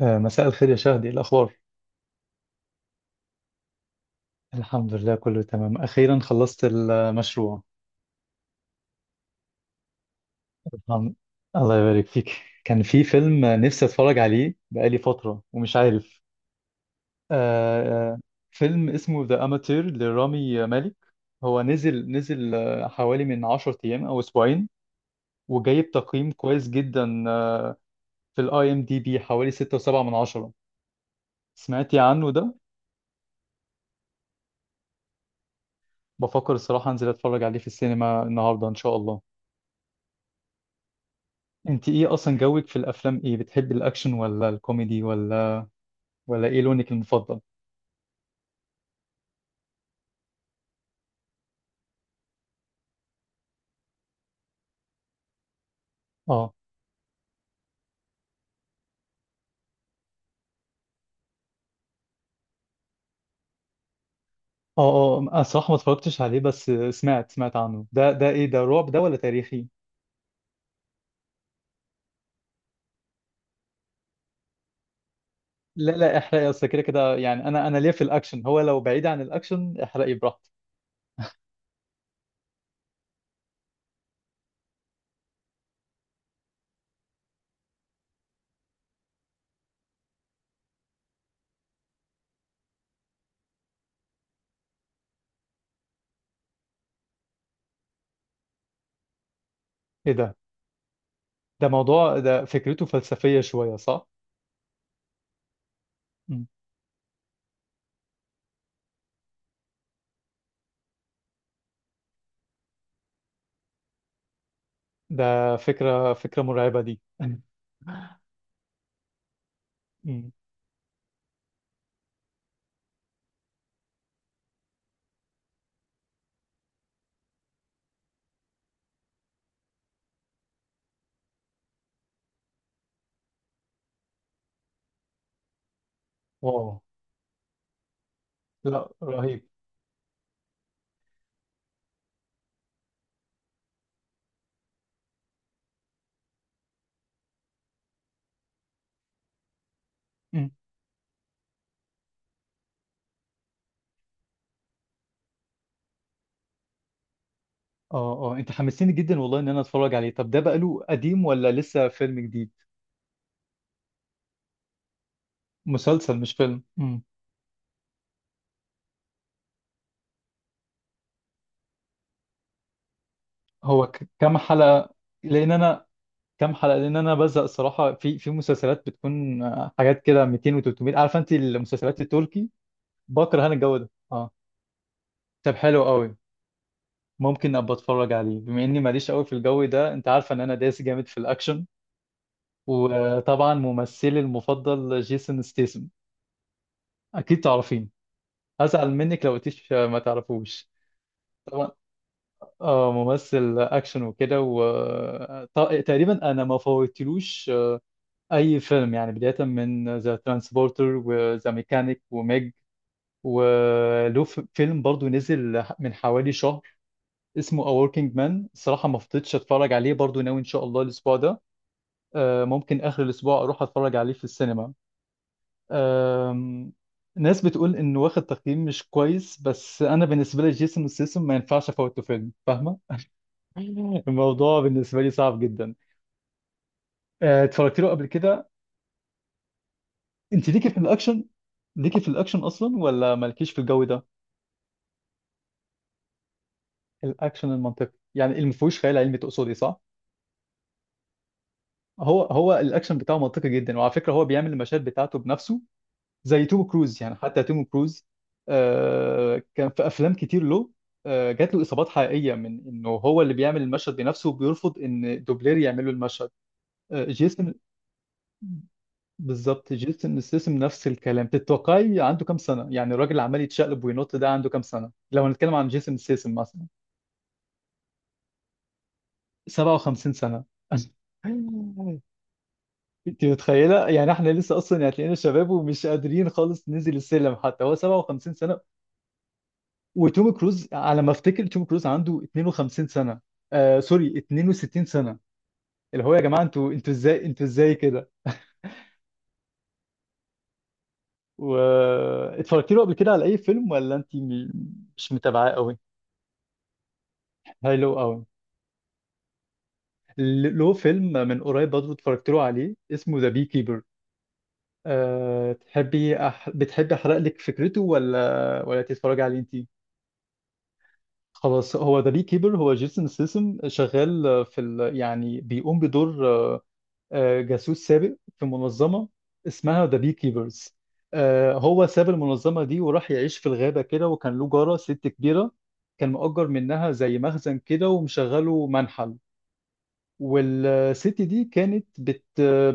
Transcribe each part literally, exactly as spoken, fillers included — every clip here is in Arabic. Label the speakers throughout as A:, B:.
A: آه، مساء الخير يا شهدي، إيه الأخبار؟ الحمد لله، كله تمام. أخيرا خلصت المشروع. الحمد الله يبارك فيك. كان في فيلم نفسي أتفرج عليه بقالي فترة ومش عارف. آه، آه، فيلم اسمه ذا أماتير لرامي مالك. هو نزل نزل آه، حوالي من عشرة أيام أو أسبوعين، وجايب تقييم كويس جدا. آه، في الاي ام دي بي حوالي ستة وسبعة من عشرة من عشرة. سمعتي عنه ده؟ بفكر الصراحة أنزل أتفرج عليه في السينما النهاردة إن شاء الله. انت ايه اصلا جوك في الافلام؟ ايه بتحبي، الاكشن ولا الكوميدي ولا ولا ايه لونك المفضل؟ اه اه اه، انا صراحه ما اتفرجتش عليه. بس سمعت سمعت عنه. ده ده ايه ده؟ رعب ده ولا تاريخي؟ لا لا، احرقي. اصل كده كده يعني، انا انا ليا في الاكشن. هو لو بعيد عن الاكشن احرقي براحتك. ايه ده ده موضوع، ده فكرته فلسفيه شويه، صح؟ مم. ده فكره فكره مرعبه دي. مم. واو. لا رهيب. مم. اه اه، انت حمسيني جدا والله ان انا اتفرج عليه. طب ده بقاله قديم ولا لسه فيلم جديد؟ مسلسل مش فيلم. مم. هو ك- كام حلقة؟ لأن أنا كام حلقة لأن أنا بزهق الصراحة، في في مسلسلات بتكون آه، حاجات كده ميتين و300. عارفة أنت المسلسلات التركي؟ بكره أنا الجو ده، أه. طب حلو قوي. ممكن أبقى أتفرج عليه بما إني ماليش قوي في الجو ده. أنت عارفة إن أنا دايس جامد في الأكشن. وطبعا ممثلي المفضل جيسون ستيسم. أكيد تعرفين. أزعل منك لو قلتيش آه، ما تعرفوش. طبعا. اه، ممثل اكشن وكده. و آه، ط- تقريبا انا ما فوتلوش اي فيلم يعني. بدايه من ذا ترانسبورتر وذا ميكانيك وميج. وله ف- فيلم برضو نزل من حوالي شهر اسمه A Working Man. الصراحه ما فضيتش اتفرج عليه، برضو ناوي ان شاء الله الاسبوع ده، آه، ممكن اخر الاسبوع، اروح اتفرج عليه في السينما. آم، ناس بتقول انه واخد تقييم مش كويس، بس انا بالنسبه لي جيسون ستاثام ما ينفعش افوته فيلم. فاهمه؟ الموضوع بالنسبه لي صعب جدا. آه، اتفرجت له قبل كده. انت ليكي في الاكشن ليكي في الاكشن اصلا، ولا مالكيش في الجو ده؟ الاكشن المنطقي يعني اللي ما فيهوش خيال علمي، تقصدي صح؟ هو هو الاكشن بتاعه منطقي جدا، وعلى فكره هو بيعمل المشاهد بتاعته بنفسه. زي توم كروز، يعني حتى توم كروز آه كان في افلام كتير له. آه جات له اصابات حقيقيه من انه هو اللي بيعمل المشهد بنفسه وبيرفض ان دوبلير يعمل له المشهد. آه جيسون، بالظبط، جيسون ستاثام نفس الكلام. تتوقعي عنده كام سنه؟ يعني الراجل عمال يتشقلب وينط. ده عنده كام سنه لو هنتكلم عن جيسون ستاثام مثلا؟ سبعة وخمسين سنة. انت متخيلة؟ يعني احنا لسه اصلا، يعني هتلاقينا شباب ومش قادرين خالص ننزل السلم، حتى هو سبعة وخمسين سنة. وتوم كروز على ما افتكر توم كروز عنده اتنين وخمسين سنة. آه سوري، اتنين وستين سنة. اللي هو يا جماعة، انتوا انتوا ازاي، انتوا ازاي كده. و اتفرجتي له قبل كده على اي فيلم، ولا انت م- مش متابعاه قوي؟ هاي لو قوي. ل- له فيلم من قريب برضه اتفرجت له عليه اسمه ذا بي كيبر. أه تحبي أح... بتحبي احرق لك فكرته، ولا ولا تتفرجي عليه انت؟ خلاص. هو ذا بي كيبر، هو جيسون سيسم شغال في ال... يعني بيقوم بدور آه، جاسوس سابق في منظمة اسمها ذا بي كيبرز. هو ساب المنظمة دي وراح يعيش في الغابة كده، وكان له جارة ست كبيرة، كان مؤجر منها زي مخزن كده، ومشغله منحل. والست دي كانت بت...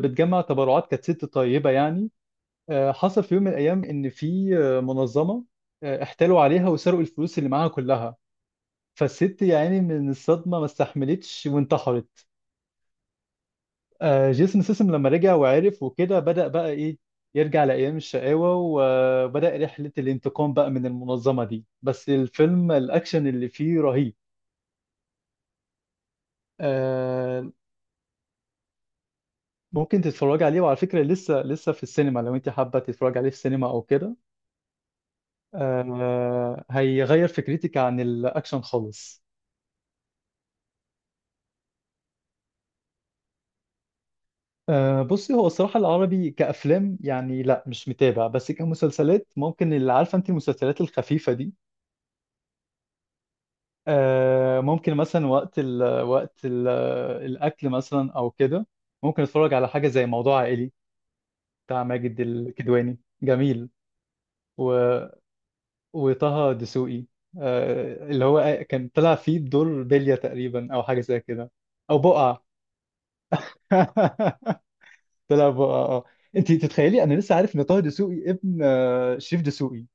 A: بتجمع تبرعات، كانت ست طيبة يعني. آه، حصل في يوم من الأيام إن في آه، منظمة آه، احتالوا عليها وسرقوا الفلوس اللي معاها كلها. فالست يعني من الصدمة ما استحملتش وانتحرت. آه، جيسون سيسم لما رجع وعرف وكده، بدأ بقى إيه، يرجع لأيام الشقاوة. وبدأ رحلة الانتقام بقى من المنظمة دي. بس الفيلم الأكشن اللي فيه رهيب. آه، ممكن تتفرج عليه. وعلى فكرة لسه لسه في السينما لو أنت حابة تتفرج عليه في السينما أو كده. آه، هيغير فكرتك عن الأكشن خالص. أه بصي، هو الصراحة العربي كأفلام، يعني لا، مش متابع. بس كمسلسلات ممكن. اللي عارفة انت المسلسلات الخفيفة دي، أه ممكن مثلا وقت ال وقت ال الأكل مثلا أو كده، ممكن أتفرج على حاجة زي موضوع عائلي بتاع ماجد الكدواني، جميل. و... وطه دسوقي، أه اللي هو كان طلع فيه بدور بلية تقريبا، أو حاجة زي كده، أو بقعة. طلع بقعة، اه. انت تتخيلي انا لسه عارف ان طه دسوقي ابن آه، شريف دسوقي؟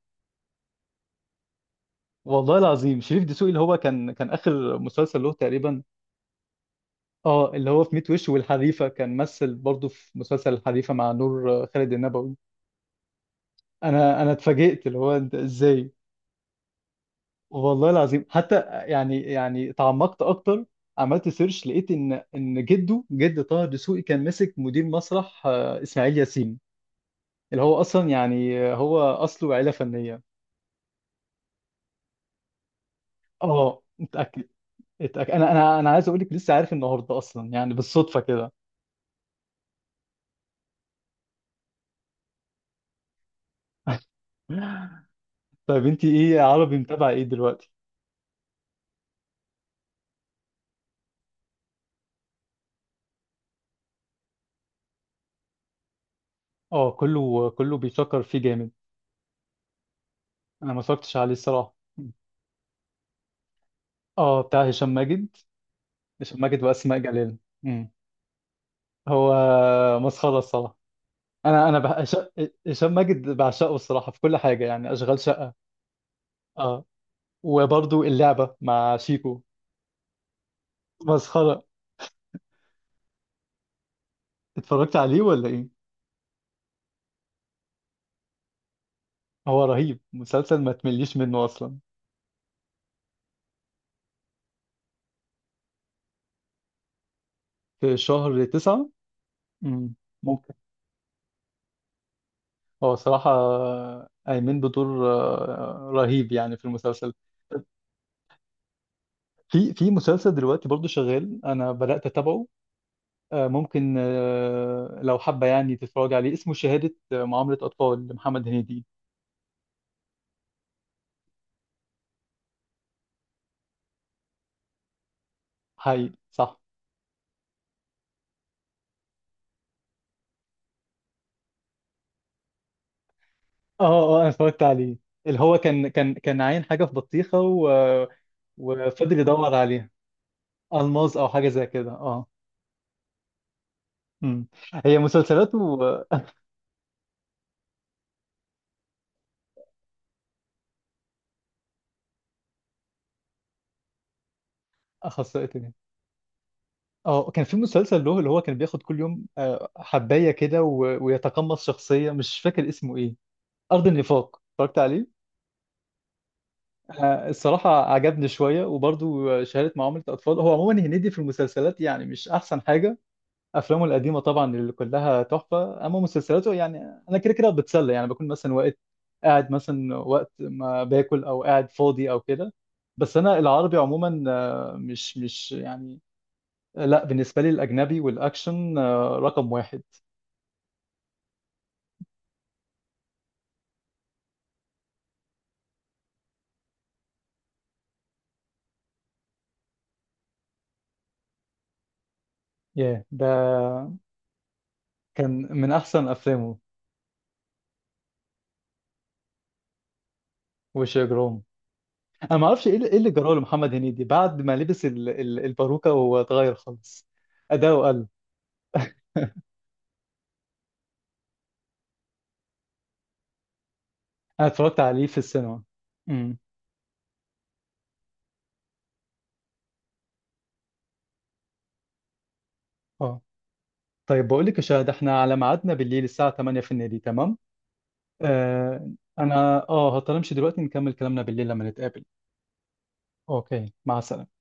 A: والله العظيم. شريف دسوقي اللي هو كان كان اخر مسلسل له تقريبا، اه اللي هو في ميت وش والحريفه. كان مثل برضه في مسلسل الحريفه مع نور آه، خالد النبوي. انا انا اتفاجئت، اللي هو انت ازاي. والله العظيم حتى، يعني يعني تعمقت اكتر، عملت سيرش. لقيت ان ان جده جد طه دسوقي كان ماسك مدير مسرح آه، اسماعيل ياسين. اللي هو اصلا يعني آه، هو اصله عيله فنيه. اه، متاكد. اتاكد، انا انا انا عايز اقول لك، لسه عارف النهارده اصلا يعني، بالصدفه كده. طيب انت ايه عربي متابعه ايه دلوقتي؟ اه، كله كله بيشكر فيه جامد. انا ما اتفرجتش عليه الصراحه. اه، بتاع هشام ماجد. هشام ماجد واسماء جلال. امم هو مسخره الصراحه. انا انا بح... هش- هشام ماجد بعشقه الصراحه في كل حاجه يعني. اشغال شقه، اه. وبرضو اللعبه مع شيكو، مسخره. اتفرجت عليه ولا ايه؟ هو رهيب مسلسل ما تمليش منه اصلا. في شهر تسعة. امم هو صراحة أيمن بدور آه، رهيب يعني في المسلسل. في في مسلسل دلوقتي برضو شغال أنا بدأت أتابعه. آه، ممكن آه، لو حابة يعني تتفرج عليه، اسمه شهادة آه، معاملة أطفال لمحمد هنيدي. هاي صح. اه اه، أنا اتفرجت عليه. اللي هو كان كان كان عاين حاجة في بطيخة و- وفضل يدور عليها. ألماظ أو حاجة زي كده، اه. أمم. هي مسلسلاته آه، أخصائية. اه كان في مسلسل له اللي هو كان بياخد كل يوم آه، حباية كده و- ويتقمص شخصية، مش فاكر اسمه ايه. أرض النفاق، اتفرجت عليه. آه، الصراحة عجبني شوية. وبرضه شهادة معاملة أطفال، هو عموما هنيدي في المسلسلات يعني مش أحسن حاجة. أفلامه القديمة طبعا اللي كلها تحفة، أما مسلسلاته يعني أنا كده كده بتسلى يعني، بكون مثلا وقت قاعد مثلا وقت ما باكل أو قاعد فاضي أو كده. بس أنا العربي عموما آه، مش مش يعني. لا بالنسبة لي الأجنبي والأكشن آه، رقم واحد. ياه، ده كان من أحسن أفلامه. وش إجرام. أنا ما أعرفش إيه اللي إيه اللي جراه لمحمد هنيدي بعد ما لبس ال- ال- الباروكة، وهو اتغير خالص. أداؤه قل. أنا اتفرجت عليه في السينما. امم أه طيب بقول لك يا شهد، إحنا على ميعادنا بالليل الساعة ثمانية في النادي، تمام؟ آه أنا أه هضطر أمشي دلوقتي، نكمل كلامنا بالليل لما نتقابل. أوكي مع السلامة.